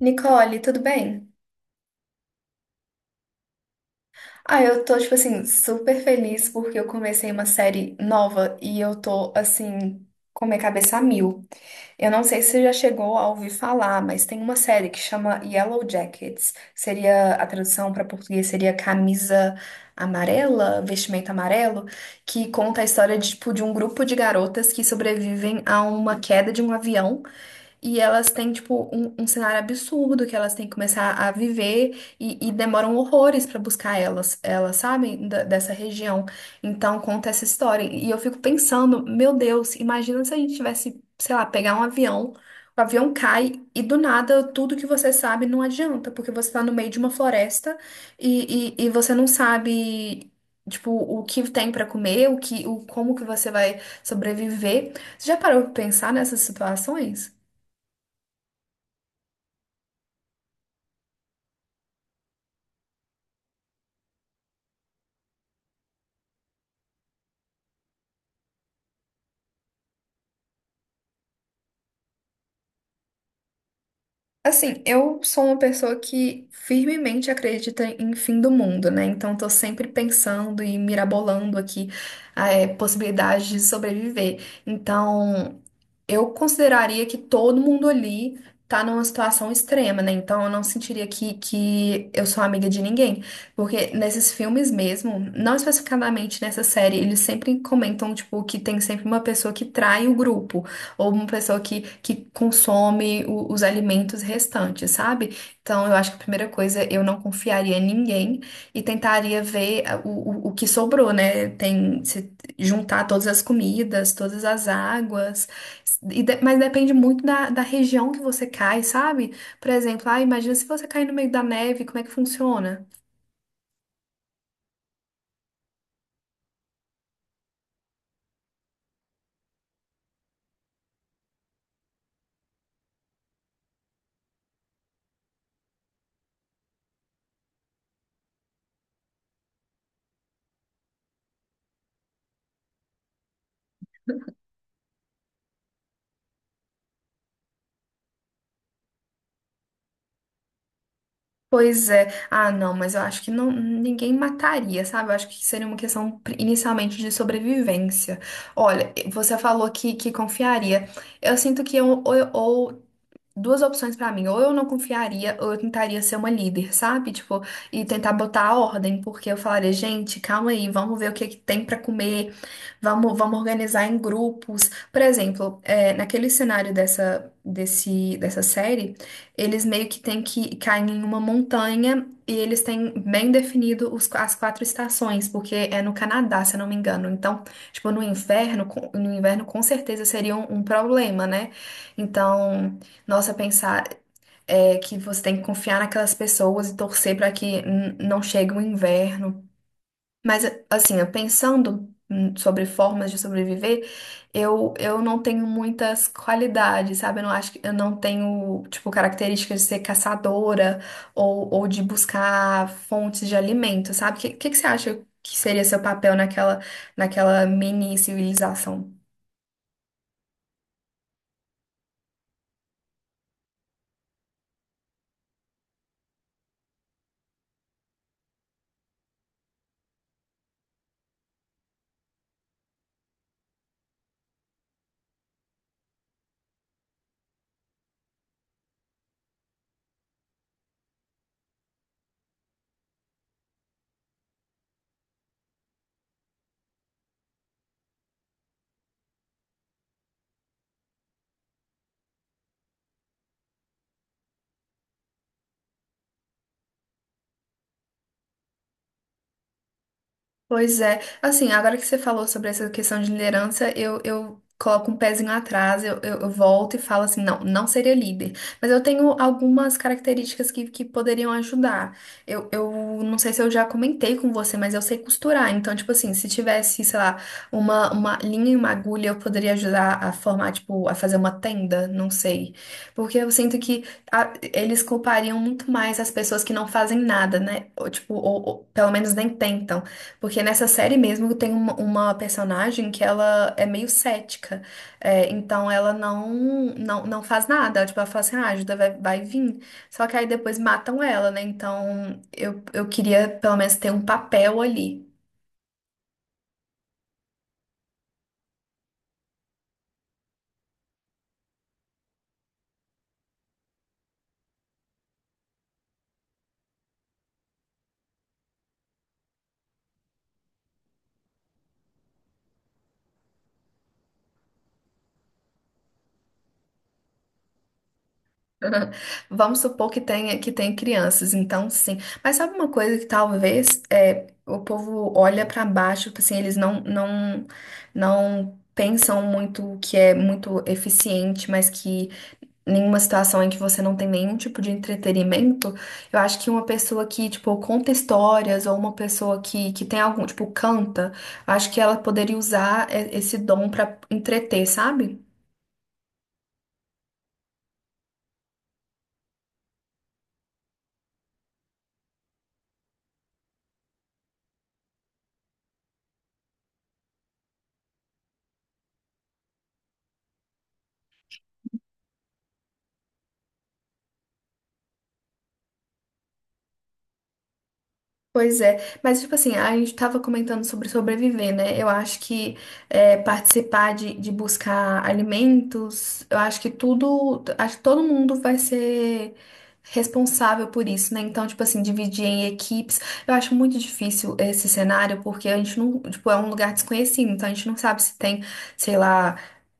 Nicole, tudo bem? Ah, eu tô, tipo assim, super feliz porque eu comecei uma série nova e eu tô, assim, com minha cabeça a mil. Eu não sei se você já chegou a ouvir falar, mas tem uma série que chama Yellow Jackets. Seria, a tradução para português seria camisa amarela, vestimento amarelo, que conta a história tipo, de um grupo de garotas que sobrevivem a uma queda de um avião. E elas têm, tipo, um cenário absurdo que elas têm que começar a viver e demoram horrores pra buscar elas, elas sabem, dessa região. Então, conta essa história. E eu fico pensando, meu Deus, imagina se a gente tivesse, sei lá, pegar um avião, o avião cai e do nada tudo que você sabe não adianta, porque você tá no meio de uma floresta e você não sabe. Tipo, o que tem pra comer, o que, o como que você vai sobreviver. Você já parou pra pensar nessas situações? Assim, eu sou uma pessoa que firmemente acredita em fim do mundo, né? Então, tô sempre pensando e mirabolando aqui a possibilidade de sobreviver. Então, eu consideraria que todo mundo ali tá numa situação extrema, né? Então eu não sentiria que eu sou amiga de ninguém. Porque nesses filmes mesmo, não especificadamente nessa série, eles sempre comentam, tipo, que tem sempre uma pessoa que trai o grupo, ou uma pessoa que consome os alimentos restantes, sabe? Então eu acho que a primeira coisa, eu não confiaria em ninguém e tentaria ver ah, o que sobrou, né? Tem, se juntar todas as comidas, todas as águas. E mas depende muito da região que você cai, sabe? Por exemplo, ah, imagina se você cair no meio da neve, como é que funciona? Pois é. Ah, não, mas eu acho que não, ninguém mataria, sabe? Eu acho que seria uma questão inicialmente de sobrevivência. Olha, você falou que confiaria. Eu sinto que eu, ou, duas opções pra mim. Ou eu não confiaria, ou eu tentaria ser uma líder, sabe? Tipo, e tentar botar a ordem, porque eu falaria, gente, calma aí, vamos ver o que é que tem pra comer, vamos organizar em grupos. Por exemplo, naquele cenário dessa série, eles meio que têm que cair em uma montanha. E eles têm bem definido as quatro estações, porque é no Canadá, se eu não me engano. Então, tipo, no inverno, no inverno com certeza seria um problema, né? Então, nossa, pensar que você tem que confiar naquelas pessoas e torcer para que não chegue o inverno. Mas, assim, eu pensando sobre formas de sobreviver, eu não tenho muitas qualidades, sabe? Eu não acho que eu não tenho, tipo, características de ser caçadora ou de buscar fontes de alimento, sabe? O que você acha que seria seu papel naquela mini civilização? Pois é. Assim, agora que você falou sobre essa questão de liderança, eu coloco um pezinho atrás, eu volto e falo assim, não, não seria líder. Mas eu tenho algumas características que poderiam ajudar. Eu não sei se eu já comentei com você, mas eu sei costurar. Então, tipo assim, se tivesse, sei lá, uma linha e uma agulha, eu poderia ajudar a formar, tipo, a fazer uma tenda, não sei. Porque eu sinto que eles culpariam muito mais as pessoas que não fazem nada, né? Ou, tipo, ou pelo menos nem tentam. Porque nessa série mesmo tem uma personagem que ela é meio cética. É, então ela não faz nada. Tipo, ela fala assim, ah, ajuda vai vir. Só que aí depois matam ela, né? Então eu queria pelo menos ter um papel ali. Vamos supor que tenha, que tem crianças, então sim. Mas sabe uma coisa que talvez o povo olha pra baixo, tipo assim, eles não pensam muito que é muito eficiente, mas que em uma situação em que você não tem nenhum tipo de entretenimento, eu acho que uma pessoa que, tipo, conta histórias ou uma pessoa que tem algum, tipo, canta, eu acho que ela poderia usar esse dom pra entreter, sabe? Pois é, mas tipo assim, a gente estava comentando sobre sobreviver, né? Eu acho que participar de buscar alimentos, eu acho que todo mundo vai ser responsável por isso, né? Então, tipo assim, dividir em equipes, eu acho muito difícil esse cenário, porque a gente não, tipo, é um lugar desconhecido, então a gente não sabe se tem, sei lá,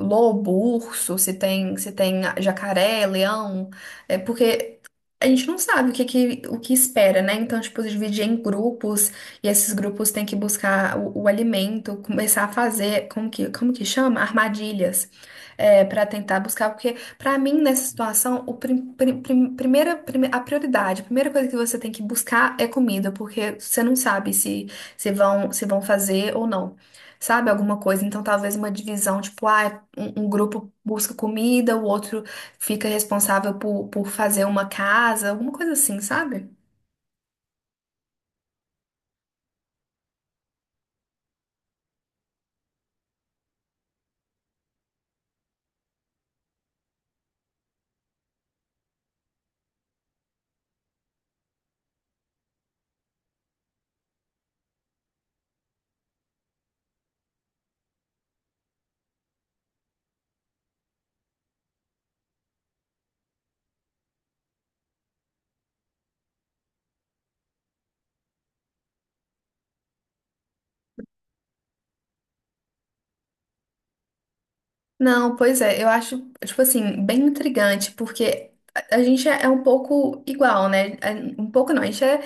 lobo, urso, se tem jacaré, leão, é porque a gente não sabe o que espera, né? Então, tipo, dividir em grupos e esses grupos têm que buscar o alimento, começar a fazer, como que chama? Armadilhas, para tentar buscar, porque para mim, nessa situação, o prim, prim- prim- primeira, prime- a prioridade, a primeira coisa que você tem que buscar é comida, porque você não sabe se vão fazer ou não. Sabe alguma coisa? Então, talvez uma divisão, tipo, um grupo busca comida, o outro fica responsável por fazer uma casa, alguma coisa assim, sabe? Não, pois é, eu acho, tipo assim, bem intrigante, porque a gente é um pouco igual, né? É, um pouco não, a gente é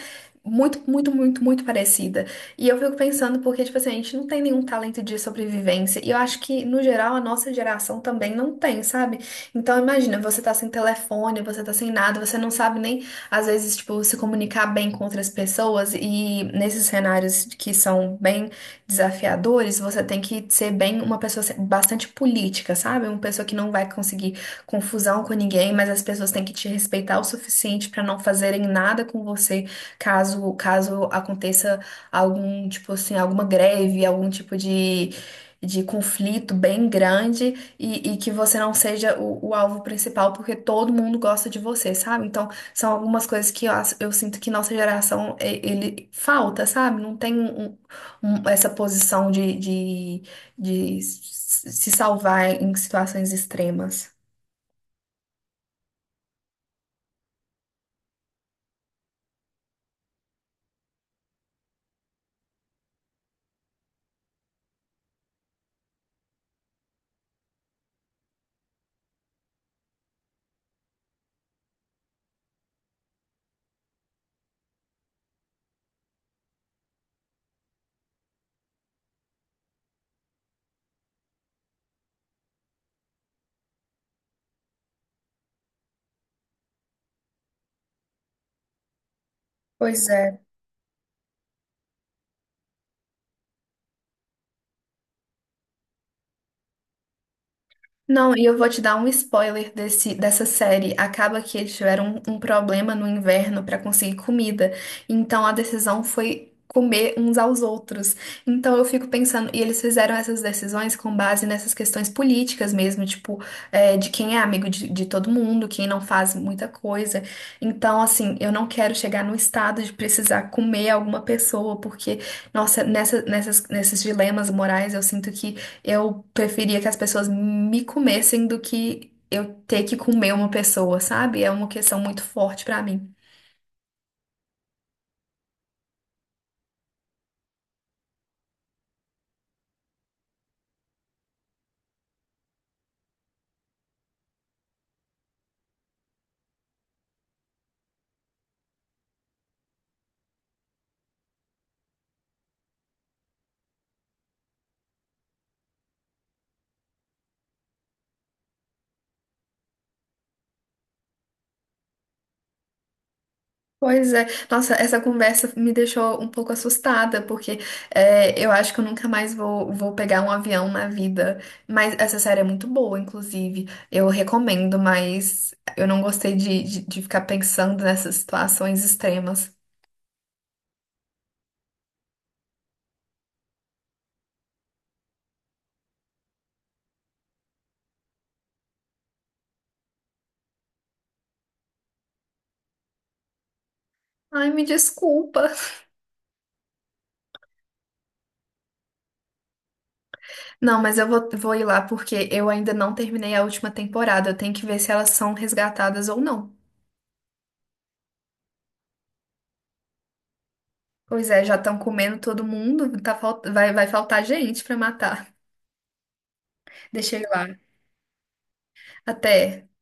muito, muito, muito, muito parecida. E eu fico pensando, porque, tipo assim, a gente não tem nenhum talento de sobrevivência. E eu acho que, no geral, a nossa geração também não tem, sabe? Então, imagina, você tá sem telefone, você tá sem nada, você não sabe nem, às vezes, tipo, se comunicar bem com outras pessoas. E nesses cenários que são bem desafiadores, você tem que ser bem uma pessoa bastante política, sabe? Uma pessoa que não vai conseguir confusão com ninguém, mas as pessoas têm que te respeitar o suficiente para não fazerem nada com você caso aconteça algum tipo assim, alguma greve, algum tipo de conflito bem grande e que você não seja o alvo principal, porque todo mundo gosta de você, sabe? Então, são algumas coisas que eu sinto que nossa geração, ele falta, sabe? Não tem essa posição de se salvar em situações extremas. Pois é. Não, e eu vou te dar um spoiler dessa série. Acaba que eles tiveram um problema no inverno para conseguir comida. Então a decisão foi comer uns aos outros. Então eu fico pensando, e eles fizeram essas decisões com base nessas questões políticas mesmo, tipo, de quem é amigo de todo mundo, quem não faz muita coisa. Então, assim, eu não quero chegar no estado de precisar comer alguma pessoa, porque, nossa, nesses dilemas morais eu sinto que. Eu preferia que as pessoas me comessem do que eu ter que comer uma pessoa, sabe? É uma questão muito forte pra mim. Pois é, nossa, essa conversa me deixou um pouco assustada, porque eu acho que eu nunca mais vou pegar um avião na vida. Mas essa série é muito boa, inclusive. Eu recomendo, mas eu não gostei de ficar pensando nessas situações extremas. Ai, me desculpa. Não, mas eu vou ir lá porque eu ainda não terminei a última temporada. Eu tenho que ver se elas são resgatadas ou não. Pois é, já estão comendo todo mundo. Tá, vai faltar gente pra matar. Deixa eu ir lá. Até.